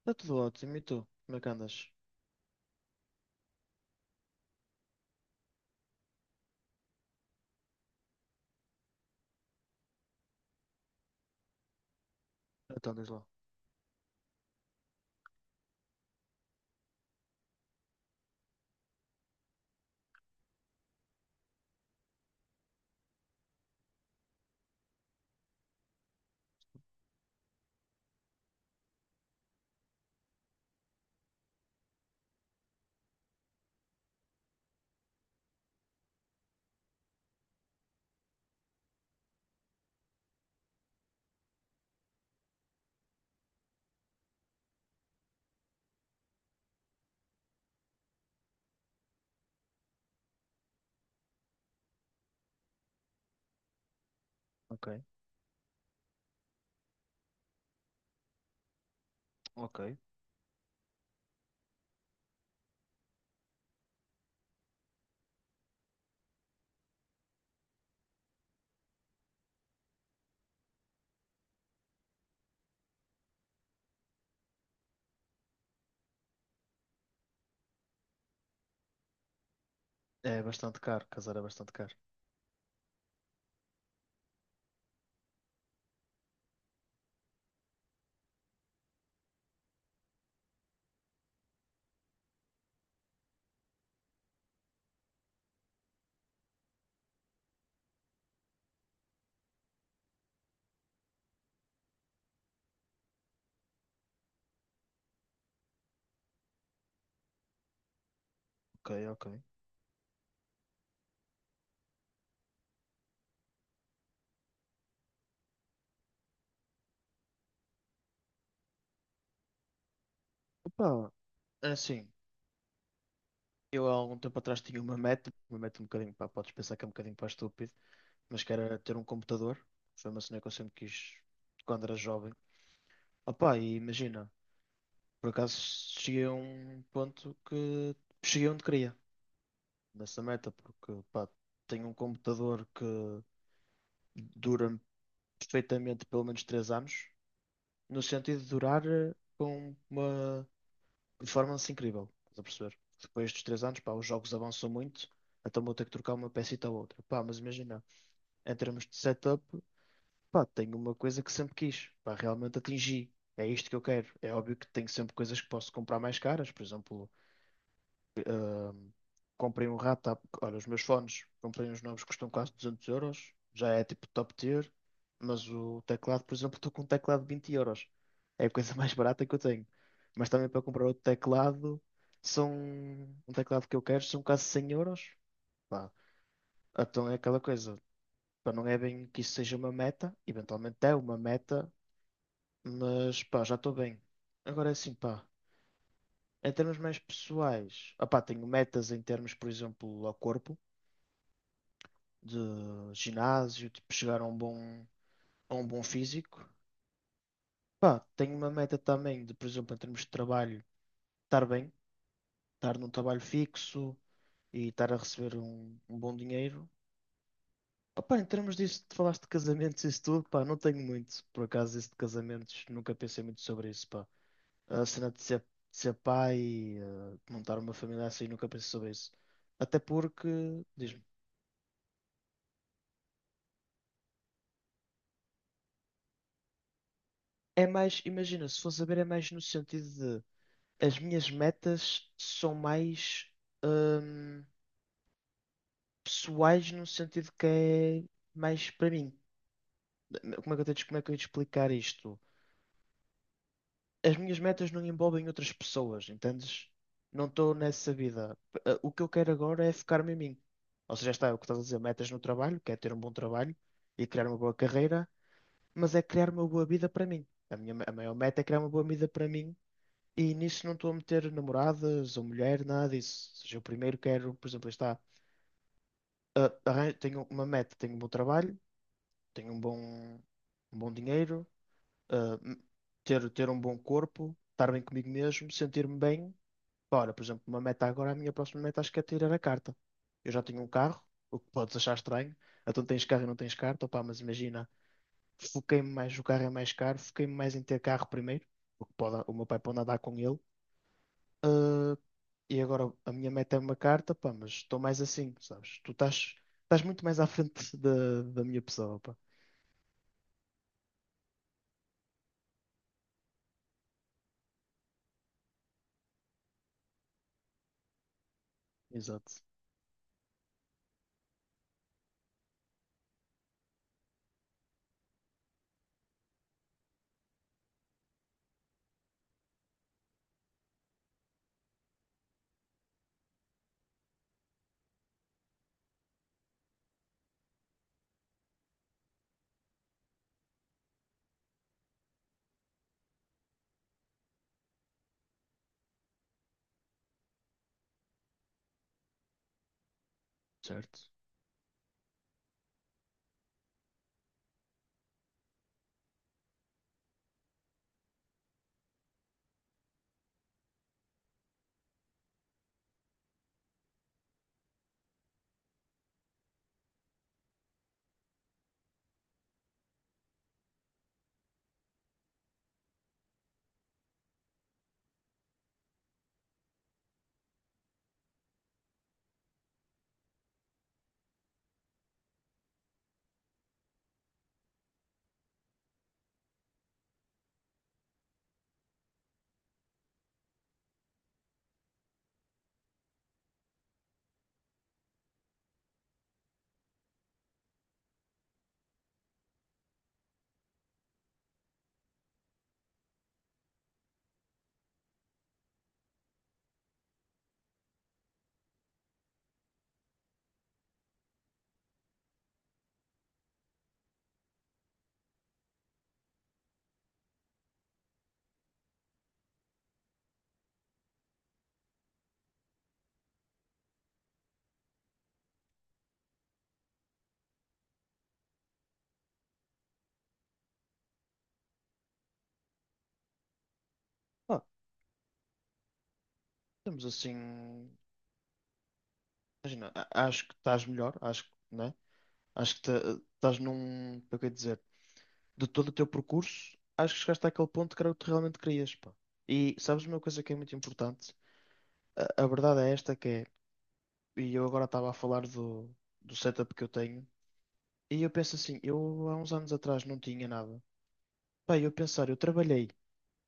Está tudo ótimo. E tu? Como é que andas? Então diz lá. Ok, ok. É bastante caro, casar é bastante caro. Ok, ok. Opa, é assim, eu há algum tempo atrás tinha uma meta um bocadinho, pá, podes pensar que é um bocadinho para estúpido, mas que era ter um computador. Foi uma cena que eu sempre quis quando era jovem. Opa, e imagina, por acaso cheguei a um ponto que cheguei onde queria nessa meta, porque pá, tenho um computador que dura perfeitamente pelo menos 3 anos. No sentido de durar com uma performance incrível, estás a perceber? Depois dos 3 anos, pá, os jogos avançam muito, então vou ter que trocar uma pecita ou outra. Pá, mas imagina, em termos de setup, pá, tenho uma coisa que sempre quis, pá, realmente atingi. É isto que eu quero. É óbvio que tenho sempre coisas que posso comprar mais caras, por exemplo, comprei um rato. Olha, os meus fones, comprei uns novos que custam quase 200 euros. Já é tipo top tier. Mas o teclado, por exemplo, estou com um teclado de 20 euros. É a coisa mais barata que eu tenho. Mas também para comprar outro teclado, são um teclado que eu quero, são quase 100 euros. Pá, então é aquela coisa. Pá, não é bem que isso seja uma meta. Eventualmente é uma meta. Mas pá, já estou bem. Agora é assim, pá. Em termos mais pessoais, opá, tenho metas em termos, por exemplo, ao corpo. De ginásio, tipo, chegar a um bom físico. Pá, tenho uma meta também de, por exemplo, em termos de trabalho, estar bem, estar num trabalho fixo e estar a receber um bom dinheiro. Opa, em termos disso, tu falaste de casamentos e isso tudo, pá, não tenho muito, por acaso, isso de casamentos, nunca pensei muito sobre isso, pá. A cena de ser pai e de montar uma família assim, nunca pensei sobre isso. Até porque, diz-me, é mais, imagina, se fosse a ver, é mais no sentido de as minhas metas são mais hum, pessoais no sentido que é mais para mim. Como é que eu tenho, como é que eu ia te explicar isto? As minhas metas não envolvem outras pessoas, entendes? Não estou nessa vida. O que eu quero agora é focar-me em mim. Ou seja, está é o que estás a dizer, metas no trabalho, que é ter um bom trabalho e criar uma boa carreira, mas é criar uma boa vida para mim. A maior meta é criar uma boa vida para mim e nisso não estou a meter namoradas ou mulher, nada disso. Ou seja, eu primeiro quero, por exemplo, está tenho uma meta, tenho um bom trabalho, tenho um bom dinheiro, ah, m- ter um bom corpo, estar bem comigo mesmo, sentir-me bem. Ora, por exemplo, uma meta agora, a minha próxima meta acho que é tirar a carta. Eu já tenho um carro, o que podes achar estranho. Então tens carro e não tens carta, opá, mas imagina, foquei-me mais, o carro é mais caro, foquei-me mais em ter carro primeiro, o que pode, o meu pai pode andar com ele. Ah, e agora a minha meta é uma carta, pá, mas estou mais assim, sabes? Tu estás, estás muito mais à frente da minha pessoa, pá. Exato, certo. Pá, temos assim. Imagina, acho que estás melhor, acho que, né? Acho que estás num. Como é que eu ia dizer? De todo o teu percurso, acho que chegaste àquele ponto que era o que tu realmente querias, pá. E sabes uma coisa que é muito importante? A verdade é esta que é. E eu agora estava a falar do, do setup que eu tenho. E eu penso assim, eu há uns anos atrás não tinha nada. Pá, eu pensar,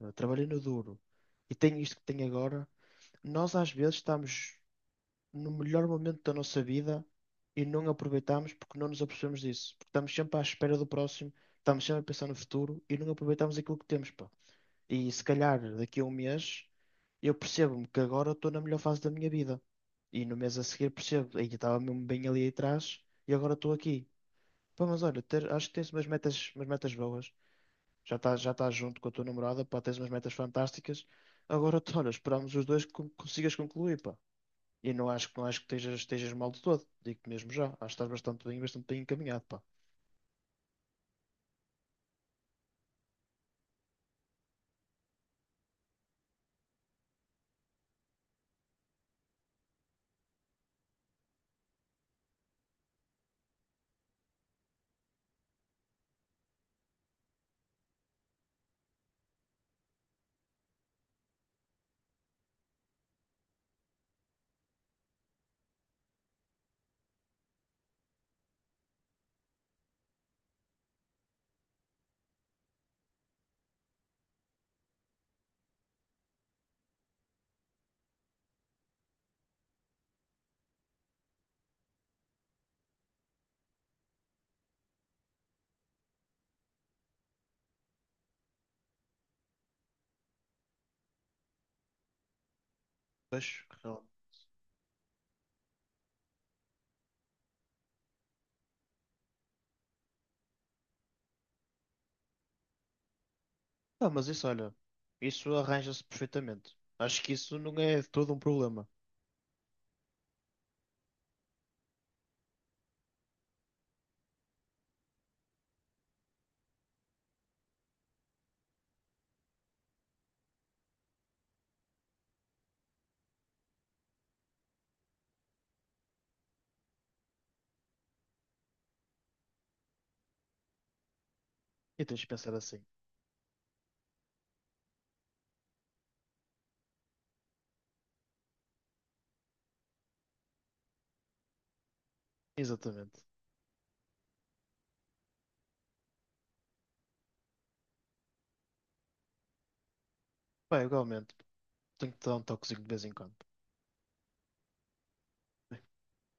eu trabalhei no duro e tenho isto que tenho agora. Nós às vezes estamos no melhor momento da nossa vida e não aproveitamos porque não nos apercebemos disso. Porque estamos sempre à espera do próximo, estamos sempre a pensar no futuro e não aproveitamos aquilo que temos, pá. E se calhar daqui a um mês eu percebo-me que agora estou na melhor fase da minha vida. E no mês a seguir percebo, aí estava mesmo bem ali atrás e agora estou aqui. Pá, mas olha, acho que tens umas metas boas. Já estás junto com a tua namorada, pá, tens umas metas fantásticas. Agora, olha, esperamos os dois que consigas concluir, pá. E não acho, não acho que estejas, estejas mal de todo. Digo-te mesmo já. Acho que estás bastante bem encaminhado, pá. Pois, real. Ah, mas isso, olha, isso arranja-se perfeitamente. Acho que isso não é de todo um problema. E tens de pensar assim. Exatamente. Bem, igualmente. Tenho que te dar um toquezinho de vez em quando.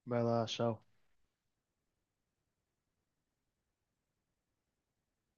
Vai lá, tchau.